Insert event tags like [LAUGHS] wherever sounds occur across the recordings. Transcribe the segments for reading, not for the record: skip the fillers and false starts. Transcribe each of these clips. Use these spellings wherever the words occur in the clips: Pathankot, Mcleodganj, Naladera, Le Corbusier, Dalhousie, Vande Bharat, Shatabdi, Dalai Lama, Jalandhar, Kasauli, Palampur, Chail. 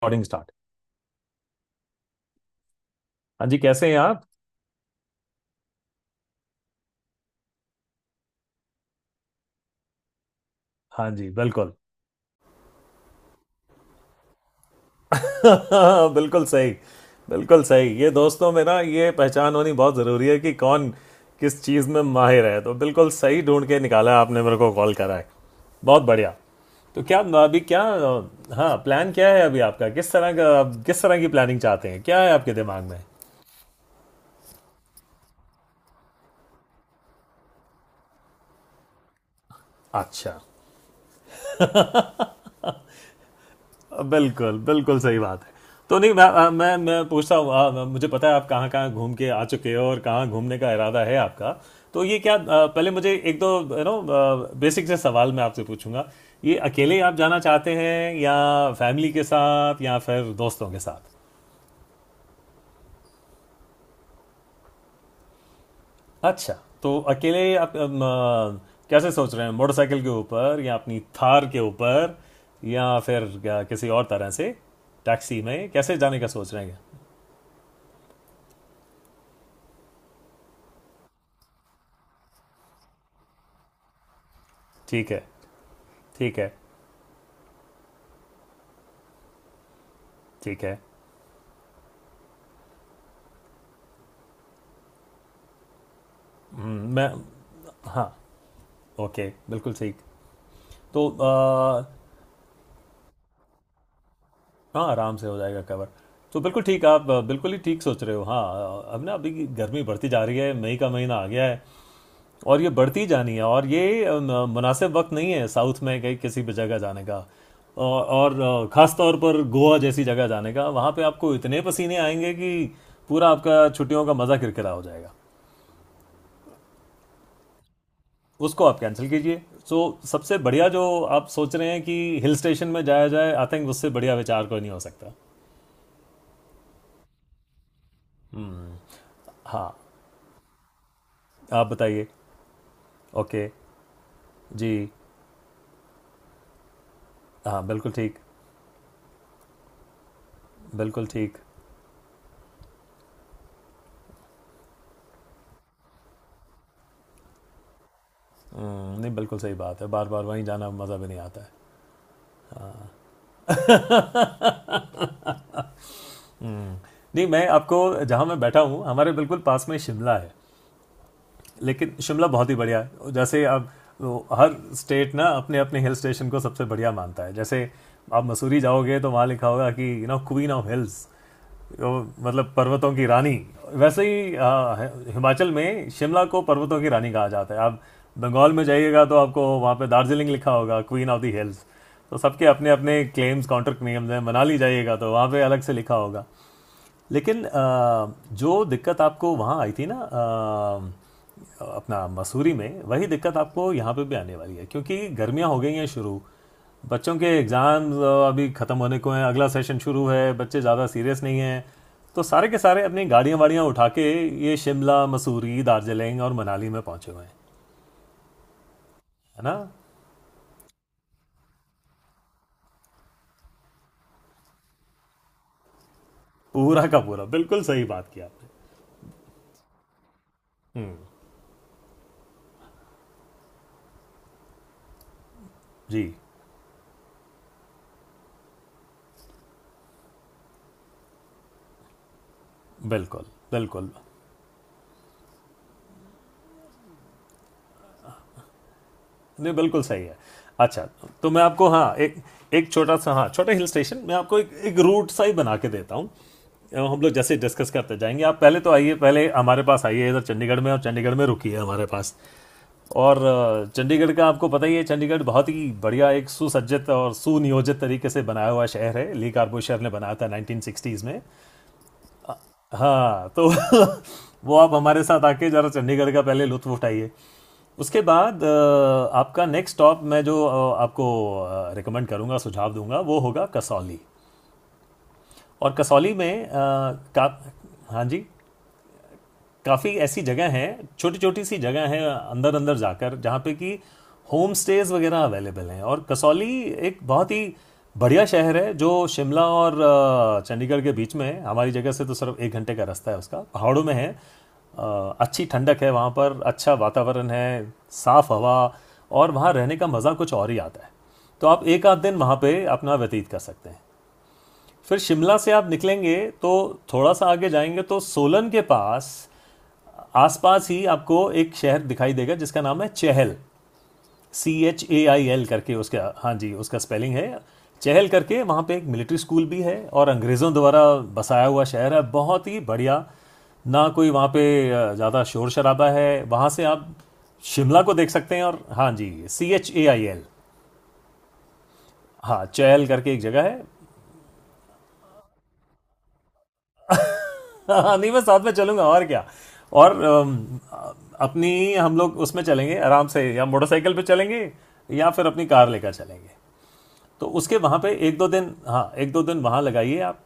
Recording start. हाँ जी, कैसे हैं आप? हाँ जी, बिल्कुल। [LAUGHS] बिल्कुल सही। बिल्कुल सही, ये दोस्तों मेरा ये पहचान होनी बहुत ज़रूरी है कि कौन किस चीज़ में माहिर है। तो बिल्कुल सही ढूंढ के निकाला आपने, मेरे को कॉल करा है। बहुत बढ़िया। तो क्या, अभी क्या? हाँ, प्लान क्या है अभी आपका? किस तरह का, किस तरह की प्लानिंग चाहते हैं, क्या है आपके दिमाग में? अच्छा। बिल्कुल, बिल्कुल सही बात है। तो नहीं, मैं पूछता हूँ, मुझे पता है आप कहाँ कहाँ घूम के आ चुके हो और कहाँ घूमने का इरादा है आपका। तो ये क्या, पहले मुझे एक दो बेसिक से सवाल मैं आपसे पूछूंगा। ये अकेले आप जाना चाहते हैं या फैमिली के साथ या फिर दोस्तों के साथ? अच्छा। तो अकेले आप, कैसे सोच रहे हैं, मोटरसाइकिल के ऊपर या अपनी थार के ऊपर, या फिर क्या, किसी और तरह से, टैक्सी में कैसे जाने का सोच रहे हैं? ठीक है। ठीक है। ठीक है। मैं, हाँ, ओके, बिल्कुल ठीक। तो हाँ, आराम से हो जाएगा कवर। तो बिल्कुल ठीक, आप बिल्कुल ही ठीक सोच रहे हो, हाँ। अब ना, अभी गर्मी बढ़ती जा रही है, मई का महीना आ गया है और ये बढ़ती जानी है, और ये मुनासिब वक्त नहीं है साउथ में कहीं किसी भी जगह जाने का। और खास तौर पर गोवा जैसी जगह जाने का, वहाँ पे आपको इतने पसीने आएंगे कि पूरा आपका छुट्टियों का मज़ा किरकिरा हो जाएगा। उसको आप कैंसिल कीजिए। सो so, सबसे बढ़िया जो आप सोच रहे हैं कि हिल स्टेशन में जाया जाए, आई थिंक उससे बढ़िया विचार कोई नहीं हो सकता। हाँ, आप बताइए। ओके। जी। हाँ, बिल्कुल ठीक। बिल्कुल ठीक। नहीं, बिल्कुल सही बात है, बार बार वहीं जाना मज़ा भी नहीं आता है। हम्म, नहीं, मैं आपको, जहाँ मैं बैठा हूँ हमारे बिल्कुल पास में शिमला है, लेकिन शिमला बहुत ही बढ़िया है। जैसे अब वो हर स्टेट ना अपने अपने हिल स्टेशन को सबसे बढ़िया मानता है। जैसे आप मसूरी जाओगे तो वहाँ लिखा होगा कि क्वीन ऑफ हिल्स, मतलब पर्वतों की रानी। वैसे ही हिमाचल में शिमला को पर्वतों की रानी कहा जाता है। आप बंगाल में जाइएगा तो आपको वहाँ पे दार्जिलिंग लिखा होगा क्वीन ऑफ द हिल्स। तो सबके अपने अपने क्लेम्स कॉन्ट्रैक्ट नियम हैं, मनाली जाइएगा तो वहाँ पे अलग से लिखा होगा। लेकिन जो दिक्कत आपको वहाँ आई थी ना, अपना मसूरी में, वही दिक्कत आपको यहाँ पे भी आने वाली है क्योंकि गर्मियाँ हो गई हैं शुरू, बच्चों के एग्ज़ाम अभी ख़त्म होने को हैं, अगला सेशन शुरू है, बच्चे ज़्यादा सीरियस नहीं हैं, तो सारे के सारे अपनी गाड़ियाँ वाड़ियाँ उठा के ये शिमला मसूरी दार्जिलिंग और मनाली में पहुँचे हुए हैं, है ना? पूरा का पूरा, बिल्कुल सही बात की आपने। हम्म, जी। बिल्कुल, बिल्कुल। नहीं बिल्कुल सही है। अच्छा, तो मैं आपको, हाँ, एक, एक छोटा सा, हाँ, छोटा हिल स्टेशन मैं आपको एक एक रूट सा ही बना के देता हूँ। हम लोग जैसे डिस्कस करते जाएंगे, आप पहले तो आइए, पहले हमारे पास आइए इधर चंडीगढ़ में, और चंडीगढ़ में रुकिए हमारे पास। और चंडीगढ़ का आपको पता ही है, चंडीगढ़ बहुत ही बढ़िया एक सुसज्जित और सुनियोजित तरीके से बनाया हुआ शहर है। ली कार्बो शहर ने बनाया था 1960s में। हाँ, तो [LAUGHS] वो आप हमारे साथ आके ज़रा चंडीगढ़ का पहले लुत्फ़ उठाइए। उसके बाद आपका नेक्स्ट स्टॉप मैं जो आपको रिकमेंड करूँगा, सुझाव दूंगा, वो होगा कसौली। और कसौली में का। हाँ जी। काफ़ी ऐसी जगह हैं, छोटी छोटी सी जगह हैं, अंदर अंदर जाकर जहाँ पे कि होम स्टेज वगैरह अवेलेबल हैं, और कसौली एक बहुत ही बढ़िया शहर है जो शिमला और चंडीगढ़ के बीच में है, हमारी जगह से तो सिर्फ एक घंटे का रास्ता है उसका, पहाड़ों में है, अच्छी ठंडक है वहाँ पर, अच्छा वातावरण है, साफ़ हवा, और वहाँ रहने का मज़ा कुछ और ही आता है। तो आप एक आध दिन वहाँ पे अपना व्यतीत कर सकते हैं। फिर शिमला से आप निकलेंगे तो थोड़ा सा आगे जाएंगे तो सोलन के पास आसपास ही आपको एक शहर दिखाई देगा जिसका नाम है चहल। CHAIL करके उसका, हाँ जी, उसका स्पेलिंग है, चहल करके। वहाँ पे एक मिलिट्री स्कूल भी है और अंग्रेज़ों द्वारा बसाया हुआ शहर है, बहुत ही बढ़िया। ना कोई वहाँ पे ज़्यादा शोर शराबा है। वहाँ से आप शिमला को देख सकते हैं। और हाँ जी, CHAIL, हाँ, चहल करके एक जगह है। [LAUGHS] हाँ, नहीं मैं साथ में चलूंगा और क्या। और अपनी हम लोग उसमें चलेंगे आराम से, या मोटरसाइकिल पे चलेंगे, या फिर अपनी कार लेकर चलेंगे। तो उसके, वहाँ पे एक दो दिन, हाँ एक दो दिन वहाँ लगाइए आप।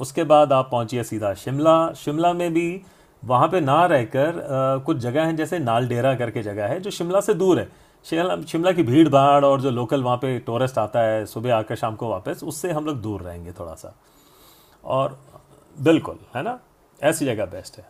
उसके बाद आप पहुँचिए सीधा शिमला। शिमला में भी वहाँ पे ना रहकर कुछ जगह हैं जैसे नालडेरा करके जगह है जो शिमला से दूर है। शिमला शिमला की भीड़ भाड़ और जो लोकल वहाँ पे टूरिस्ट आता है सुबह आकर शाम को वापस, उससे हम लोग दूर रहेंगे थोड़ा सा। और बिल्कुल, है ना? ऐसी जगह बेस्ट है,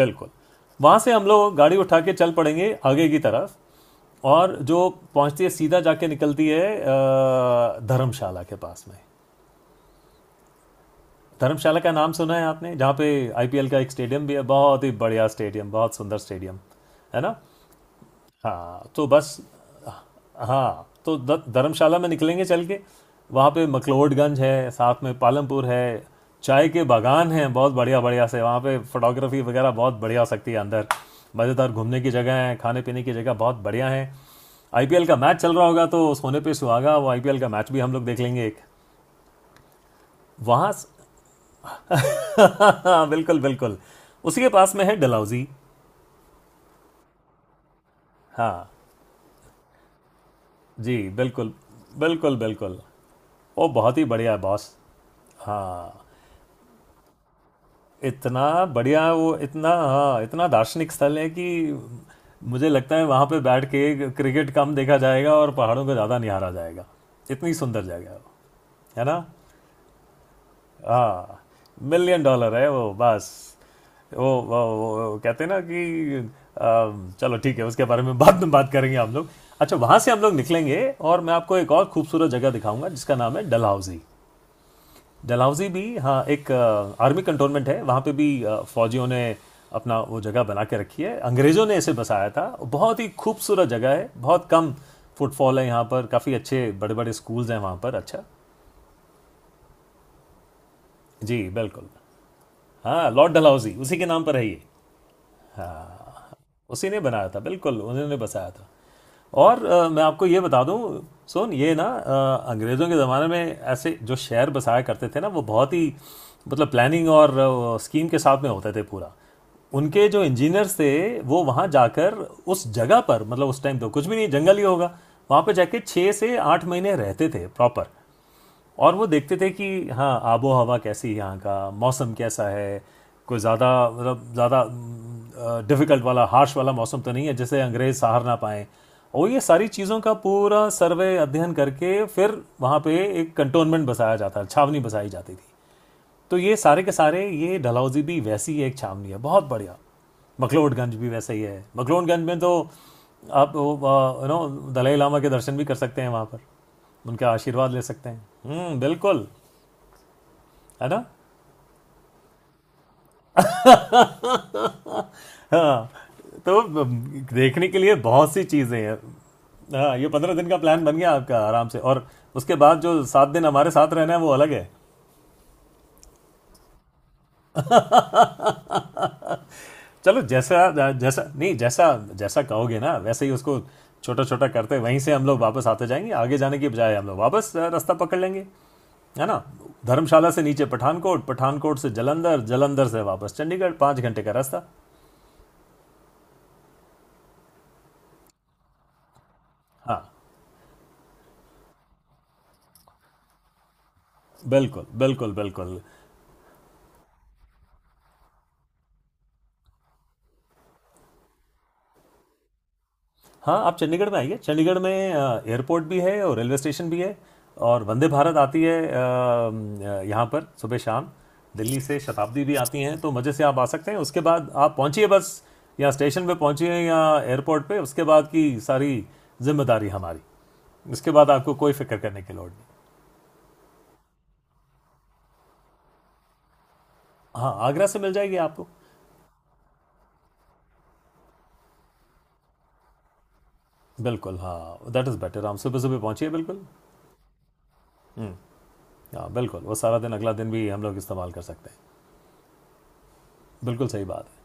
बिल्कुल। वहाँ से हम लोग गाड़ी उठा के चल पड़ेंगे आगे की तरफ और जो पहुँचती है सीधा जाके, निकलती है धर्मशाला के पास में। धर्मशाला का नाम सुना है आपने, जहाँ पे आईपीएल का एक स्टेडियम भी है, बहुत ही बढ़िया स्टेडियम, बहुत सुंदर स्टेडियम। है ना? हाँ, तो बस, हाँ तो धर्मशाला में निकलेंगे चल के। वहाँ पे मकलोडगंज है, साथ में पालमपुर है, चाय के बागान हैं बहुत बढ़िया, बढ़िया से वहाँ पे फोटोग्राफी वगैरह बहुत बढ़िया हो सकती है, अंदर मज़ेदार घूमने की जगह हैं, खाने पीने की जगह बहुत बढ़िया हैं। आईपीएल का मैच चल रहा होगा तो सोने पे सुहागा, वो आईपीएल का मैच भी हम लोग देख लेंगे एक। वहाँ [LAUGHS] बिल्कुल, बिल्कुल। उसी के पास में है डलहौजी। हाँ जी, बिल्कुल, बिल्कुल, बिल्कुल। ओ बहुत ही बढ़िया है बॉस। हाँ, इतना बढ़िया वो, इतना, हाँ इतना दार्शनिक स्थल है कि मुझे लगता है वहाँ पे बैठ के क्रिकेट कम देखा जाएगा और पहाड़ों को ज़्यादा निहारा जाएगा। इतनी सुंदर जगह है वो, है ना? हाँ, मिलियन डॉलर है वो बस। वो कहते हैं ना कि, चलो ठीक है, उसके बारे में बाद में बात करेंगे हम लोग। अच्छा, वहाँ से हम लोग निकलेंगे और मैं आपको एक और खूबसूरत जगह दिखाऊंगा जिसका नाम है डलहौजी। डलहौजी भी, हाँ, एक आर्मी कंटोनमेंट है, वहाँ पे भी फौजियों ने अपना वो जगह बना के रखी है, अंग्रेज़ों ने इसे बसाया था। बहुत ही खूबसूरत जगह है, बहुत कम फुटफॉल है यहाँ पर, काफ़ी अच्छे बड़े बड़े स्कूल्स हैं वहाँ पर, अच्छा। जी बिल्कुल। हाँ, लॉर्ड डलहौजी उसी के नाम पर है ये। उसी ने बनाया था, बिल्कुल, उन्होंने बसाया था। और मैं आपको ये बता दूं, सोन ये ना अंग्रेज़ों के ज़माने में ऐसे जो शहर बसाया करते थे ना, वो बहुत ही, मतलब, प्लानिंग और स्कीम के साथ में होते थे पूरा। उनके जो इंजीनियर्स थे वो वहाँ जाकर उस जगह पर, मतलब उस टाइम तो कुछ भी नहीं, जंगल ही होगा वहाँ पर, जाके 6 से 8 महीने रहते थे प्रॉपर। और वो देखते थे कि, हाँ आबो हवा कैसी है, यहाँ का मौसम कैसा है, कोई ज़्यादा, मतलब ज़्यादा डिफ़िकल्ट वाला, हार्श वाला मौसम तो नहीं है जिसे अंग्रेज़ सहार ना पाएँ। और ये सारी चीज़ों का पूरा सर्वे, अध्ययन करके फिर वहाँ पे एक कंटोनमेंट बसाया जाता, छावनी बसाई जाती थी। तो ये सारे के सारे, ये डलहौजी भी वैसी ही एक छावनी है, बहुत बढ़िया। मखलोडगंज भी वैसा ही है। मखलोडगंज में तो आप दलाई लामा के दर्शन भी कर सकते हैं वहाँ पर, उनका आशीर्वाद ले सकते हैं। हम्म, बिल्कुल, है ना? [LAUGHS] हाँ, तो देखने के लिए बहुत सी चीज़ें हैं। हाँ, ये 15 दिन का प्लान बन गया आपका आराम से, और उसके बाद जो 7 दिन हमारे साथ रहना है वो अलग है। [LAUGHS] चलो, जैसा जैसा नहीं, जैसा जैसा कहोगे ना वैसे ही उसको, छोटा छोटा करते वहीं से हम लोग वापस आते जाएंगे, आगे जाने के बजाय हम लोग वापस रास्ता पकड़ लेंगे, है ना? धर्मशाला से नीचे पठानकोट, पठानकोट से जलंधर, जलंधर से वापस चंडीगढ़, 5 घंटे का रास्ता। हाँ बिल्कुल, बिल्कुल, बिल्कुल। हाँ, आप चंडीगढ़ में आइए, चंडीगढ़ में एयरपोर्ट भी है और रेलवे स्टेशन भी है, और वंदे भारत आती है यहाँ पर सुबह शाम, दिल्ली से शताब्दी भी आती हैं। तो मज़े से आप आ सकते हैं, उसके बाद आप पहुँचिए बस, या स्टेशन पे पहुँचिए या एयरपोर्ट पे, उसके बाद की सारी जिम्मेदारी हमारी। उसके बाद आपको कोई फिक्र करने की लोड़ नहीं। हाँ, आगरा से मिल जाएगी आपको, बिल्कुल। हाँ दैट इज़ बेटर, हम सुबह सुबह पहुँचिए, बिल्कुल। हाँ बिल्कुल, वो सारा दिन, अगला दिन भी हम लोग इस्तेमाल कर सकते हैं। बिल्कुल सही बात है।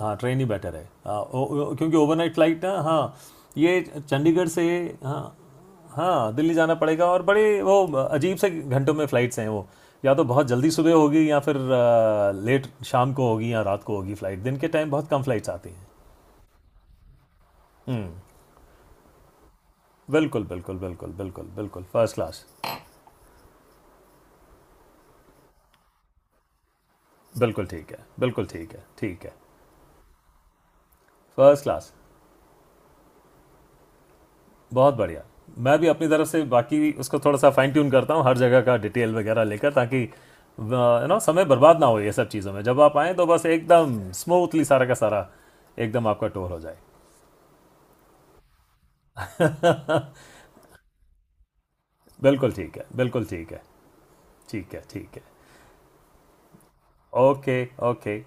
हाँ ट्रेन ही बेटर है, हाँ, ओ, ओ, क्योंकि ओवरनाइट फ्लाइट ना, हाँ ये चंडीगढ़ से, हाँ, हाँ दिल्ली जाना पड़ेगा और बड़े वो अजीब से घंटों में फ़्लाइट्स हैं वो, या तो बहुत जल्दी सुबह होगी या फिर लेट शाम को होगी या रात को होगी, फ़्लाइट दिन के टाइम बहुत कम फ़्लाइट्स आती हैं। हम्म, बिल्कुल, बिल्कुल, बिल्कुल, बिल्कुल, बिल्कुल, फर्स्ट क्लास। बिल्कुल ठीक है, बिल्कुल ठीक है, ठीक है। फर्स्ट क्लास, बहुत बढ़िया। मैं भी अपनी तरफ से बाकी उसको थोड़ा सा फाइन ट्यून करता हूँ, हर जगह का डिटेल वगैरह लेकर, ताकि समय बर्बाद ना हो ये सब चीज़ों में, जब आप आएँ तो बस एकदम स्मूथली सारा का सारा, एकदम आपका टूर हो जाए। [LAUGHS] बिल्कुल ठीक है, बिल्कुल ठीक है, ठीक है, ठीक है। ओके। ओके।